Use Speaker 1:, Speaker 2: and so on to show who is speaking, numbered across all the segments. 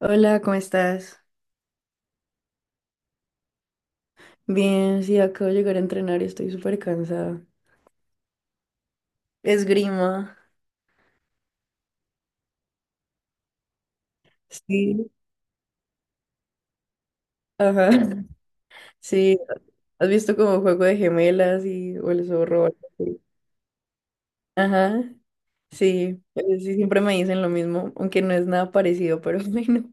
Speaker 1: Hola, ¿cómo estás? Bien, sí, acabo de llegar a entrenar y estoy súper cansada. Esgrima. Sí. Ajá. Sí, ¿has visto como juego de gemelas y o el zorro? ¿O algo así? Ajá. Sí, sí, siempre me dicen lo mismo, aunque no es nada parecido, pero bueno.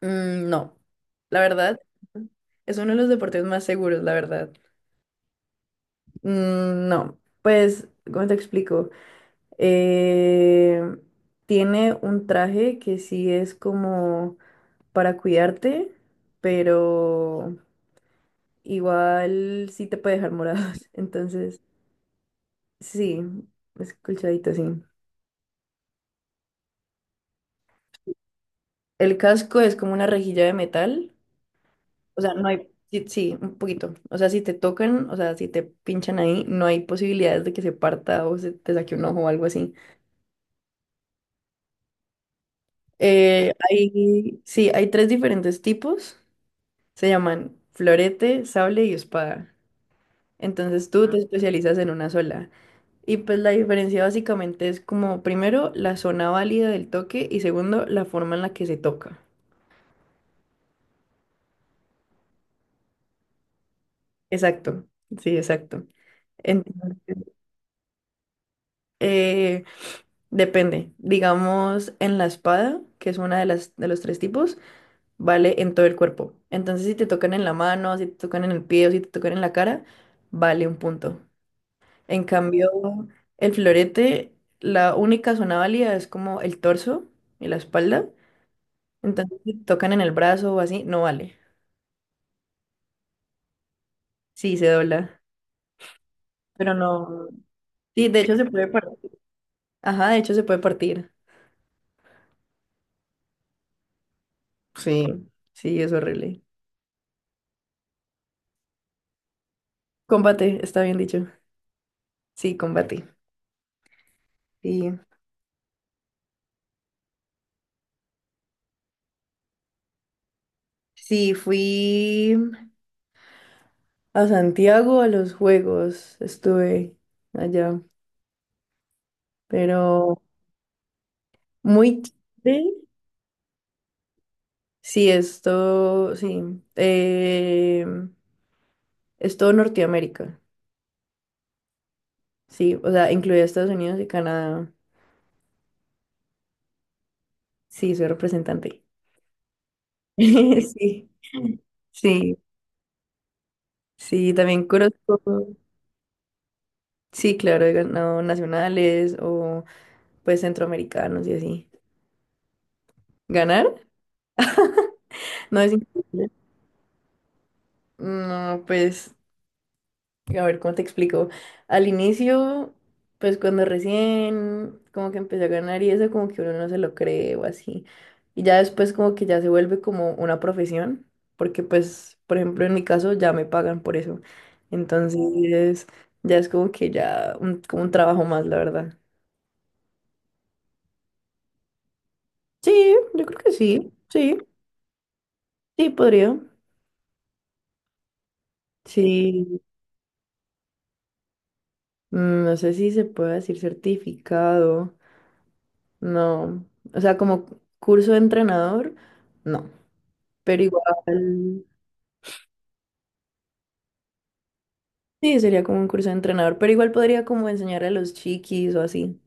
Speaker 1: Mm, no, la verdad, es uno de los deportes más seguros, la verdad. Mm, no, pues, ¿cómo te explico? Eh, Tiene un traje que sí es como para cuidarte, pero igual sí te puede dejar morados. Entonces, sí, es colchadito, sí. El casco es como una rejilla de metal. O sea, no hay. Sí, sí, un poquito. O sea, si te tocan, o sea, si te pinchan ahí, no hay posibilidades de que se parta o se te saque un ojo o algo así. Sí, hay tres diferentes tipos. Se llaman florete, sable y espada. Entonces te especializas en una sola. Y pues la diferencia básicamente es como primero la zona válida del toque y segundo la forma en la que se toca. Exacto, sí, exacto. Entonces, eh, depende. Digamos, en la espada, que es una de las de los tres tipos, vale en todo el cuerpo. Entonces, si te tocan en la mano, si te tocan en el pie o si te tocan en la cara, vale un punto. En cambio, el florete, la única zona válida es como el torso y la espalda. Entonces, si tocan en el brazo o así, no vale. Sí, se dobla. Pero no. Sí, de hecho se puede partir. Ajá, de hecho se puede partir. Sí, sí, es horrible. Combate, está bien dicho. Sí, combate. Sí. Sí, fui a Santiago a los juegos. Estuve allá. Pero muy chévere. Sí, esto, sí. Es todo Norteamérica. Sí, o sea, incluye Estados Unidos y Canadá. Sí, soy representante. Sí, sí, sí, también conozco. Sí, claro, he ganado nacionales o pues centroamericanos y así. ¿Ganar? No, es increíble. No, pues, a ver, ¿cómo te explico? Al inicio, pues cuando recién como que empecé a ganar y eso como que uno no se lo cree o así. Y ya después como que ya se vuelve como una profesión, porque pues, por ejemplo, en mi caso ya me pagan por eso. Entonces, ya es como que ya como un trabajo más, la verdad. Sí, yo creo que sí, sí, sí, podría. Sí, no sé si se puede decir certificado, no. O sea, como curso de entrenador, no. Pero igual, sí, sería como un curso de entrenador, pero igual podría como enseñar a los chiquis o así.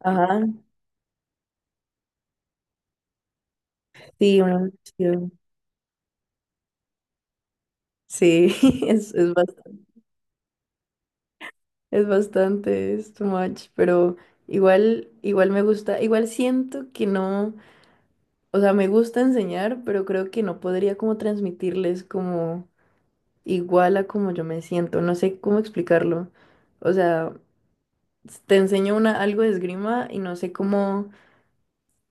Speaker 1: Ajá, sí, una opción. Sí, es bastante, es bastante, es too much, pero igual me gusta, igual siento que no, o sea, me gusta enseñar, pero creo que no podría como transmitirles como igual a como yo me siento, no sé cómo explicarlo. O sea, te enseño algo de esgrima y no sé cómo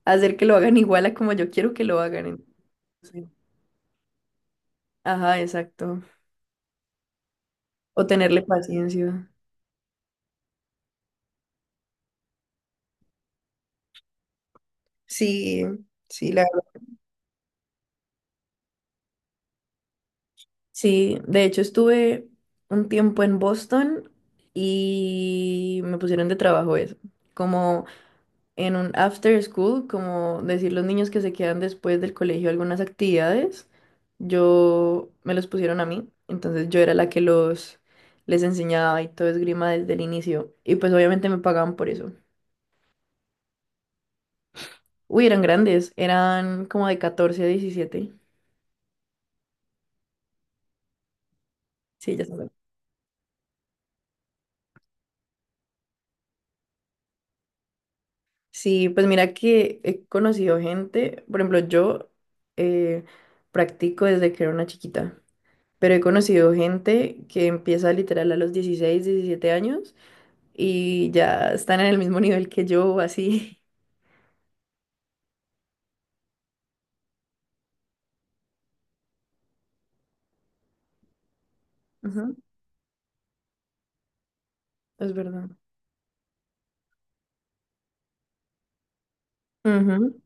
Speaker 1: hacer que lo hagan igual a como yo quiero que lo hagan. Entonces, ajá, exacto. O tenerle paciencia. Sí, sí, la verdad. Sí, de hecho estuve un tiempo en Boston y me pusieron de trabajo eso, como en un after school, como decir los niños que se quedan después del colegio algunas actividades, yo me los pusieron a mí, entonces yo era la que los les enseñaba y todo esgrima desde el inicio y pues obviamente me pagaban por eso. Uy, eran grandes, eran como de 14 a 17. Sí, ya saben. Sí, pues mira que he conocido gente, por ejemplo, yo eh, practico desde que era una chiquita, pero he conocido gente que empieza literal a los 16 17 años y ya están en el mismo nivel que yo, así. Ujú, es verdad. Ujú,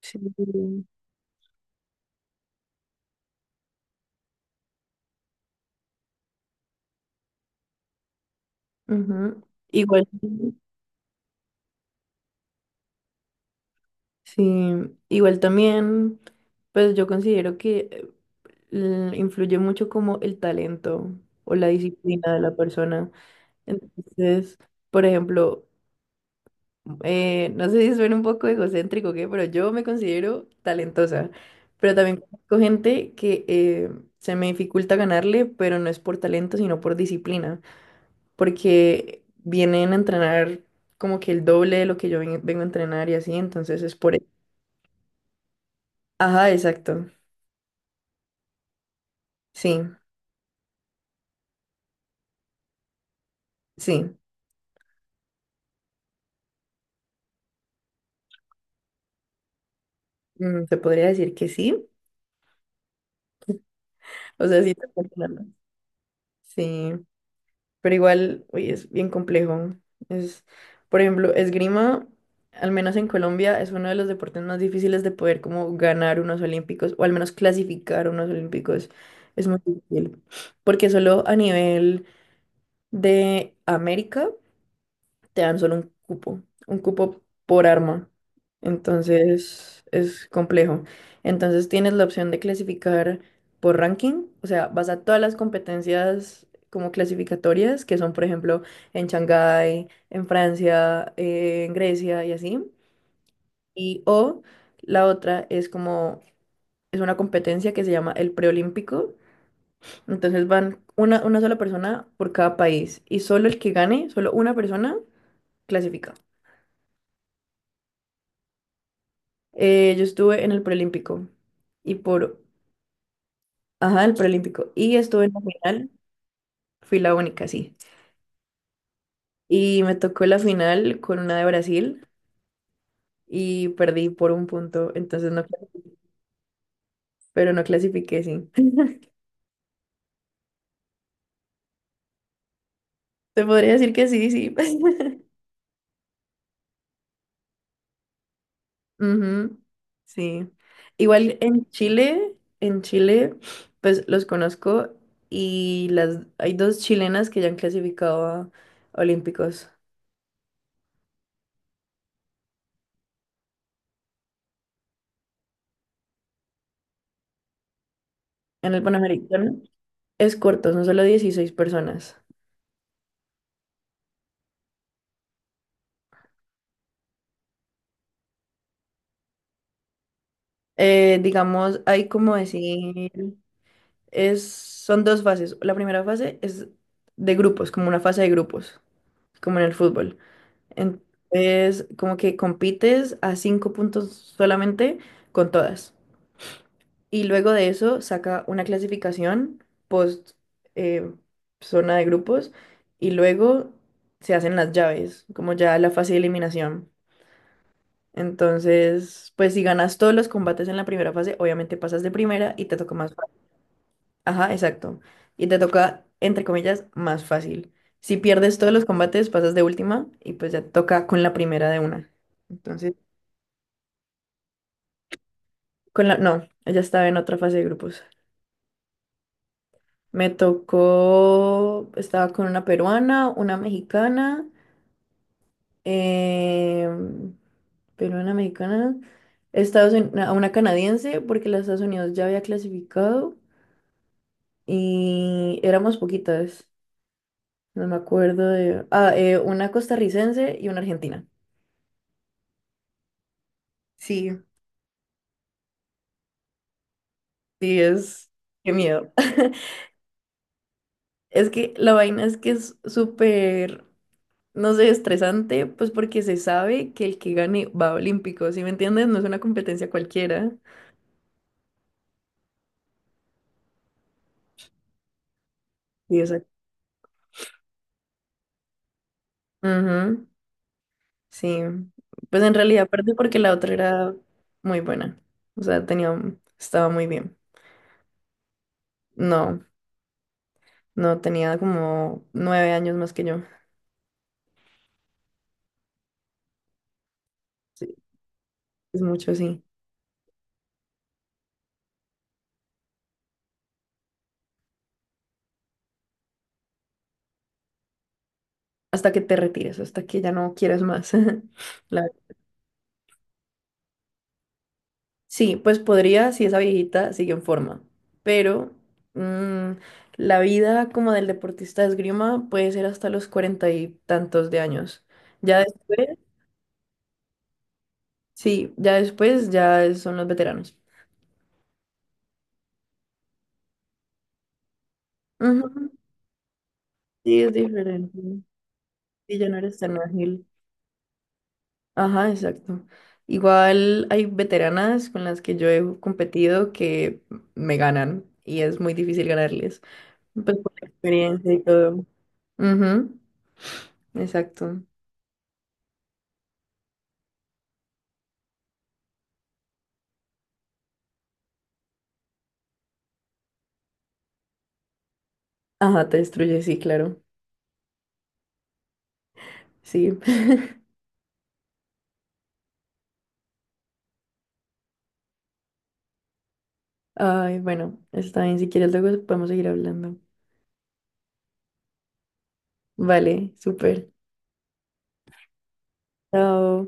Speaker 1: sí, ujú. Igual. Sí, igual también, pues yo considero que influye mucho como el talento o la disciplina de la persona. Entonces, por ejemplo, no sé si suena un poco egocéntrico, ¿qué? Pero yo me considero talentosa, pero también conozco gente que se me dificulta ganarle, pero no es por talento, sino por disciplina, porque vienen a entrenar como que el doble de lo que yo vengo a entrenar y así, entonces es por... eso. Ajá, exacto. Sí, sí, se podría decir que sí. O sea, sí, te puedo ponerlo. Sí, pero igual, uy, es bien complejo. Es, por ejemplo, esgrima, al menos en Colombia, es uno de los deportes más difíciles de poder como ganar unos olímpicos o al menos clasificar unos olímpicos. Es muy difícil, porque solo a nivel de América. Te dan solo un cupo por arma. Entonces es complejo. Entonces tienes la opción de clasificar por ranking, o sea, vas a todas las competencias como clasificatorias, que son, por ejemplo, en Shanghái, en Francia, en Grecia y así. Y o la otra es como, es una competencia que se llama el preolímpico. Entonces van una sola persona por cada país y solo el que gane, solo una persona clasifica. Yo estuve en el preolímpico y por, ajá, el preolímpico. Y estuve en la final, fui la única, sí. Y me tocó la final con una de Brasil y perdí por un punto, entonces no, clas- pero no clasifiqué, sí. Te podría decir que sí, sí. Ujú, sí. Igual en Chile, pues los conozco y hay dos chilenas que ya han clasificado a Olímpicos. En el Panamericano. Es corto, son solo 16 personas. Digamos, hay como decir, es, son dos fases. La primera fase es de grupos, como una fase de grupos, como en el fútbol. Entonces, como que compites a cinco puntos solamente con todas. Y luego de eso saca una clasificación post eh, zona de grupos y luego se hacen las llaves, como ya la fase de eliminación. Entonces, pues si ganas todos los combates en la primera fase, obviamente pasas de primera y te toca más fácil. Ajá, exacto. Y te toca, entre comillas, más fácil. Si pierdes todos los combates, pasas de última y pues ya te toca con la primera de una. Entonces, con la... No, ya estaba en otra fase de grupos. Me tocó, estaba con una peruana, una mexicana, em, peruana, mexicana, Estados Unidos, una canadiense, porque los Estados Unidos ya había clasificado. Y éramos poquitas, no me acuerdo de... Ah, una costarricense y una argentina. Sí, sí, es... Qué miedo. Es que la vaina es que es súper, no sé, estresante, pues porque se sabe que el que gane va a Olímpicos, ¿sí me entiendes? No es una competencia cualquiera. Sí, exacto. Ujú, sí, pues en realidad perdí porque la otra era muy buena, o sea, estaba muy bien. No, no, tenía como 9 años más que yo. Es mucho, sí. Hasta que te retires, hasta que ya no quieras más. La- Sí, pues podría si esa viejita sigue en forma, pero mm, la vida como del deportista de esgrima puede ser hasta los 40 y tantos de años. Ya después, sí, ya después ya son los veteranos. Ujú, sí, es diferente. Sí, ya no eres tan ágil. Ajá, exacto. Igual hay veteranas con las que yo he competido que me ganan y es muy difícil ganarles. Pues por la experiencia y todo. Ujú, exacto. Ajá, te destruye, sí, claro. Sí. Ay, bueno, está bien. Si quieres, luego podemos seguir hablando. Vale, súper. Chao.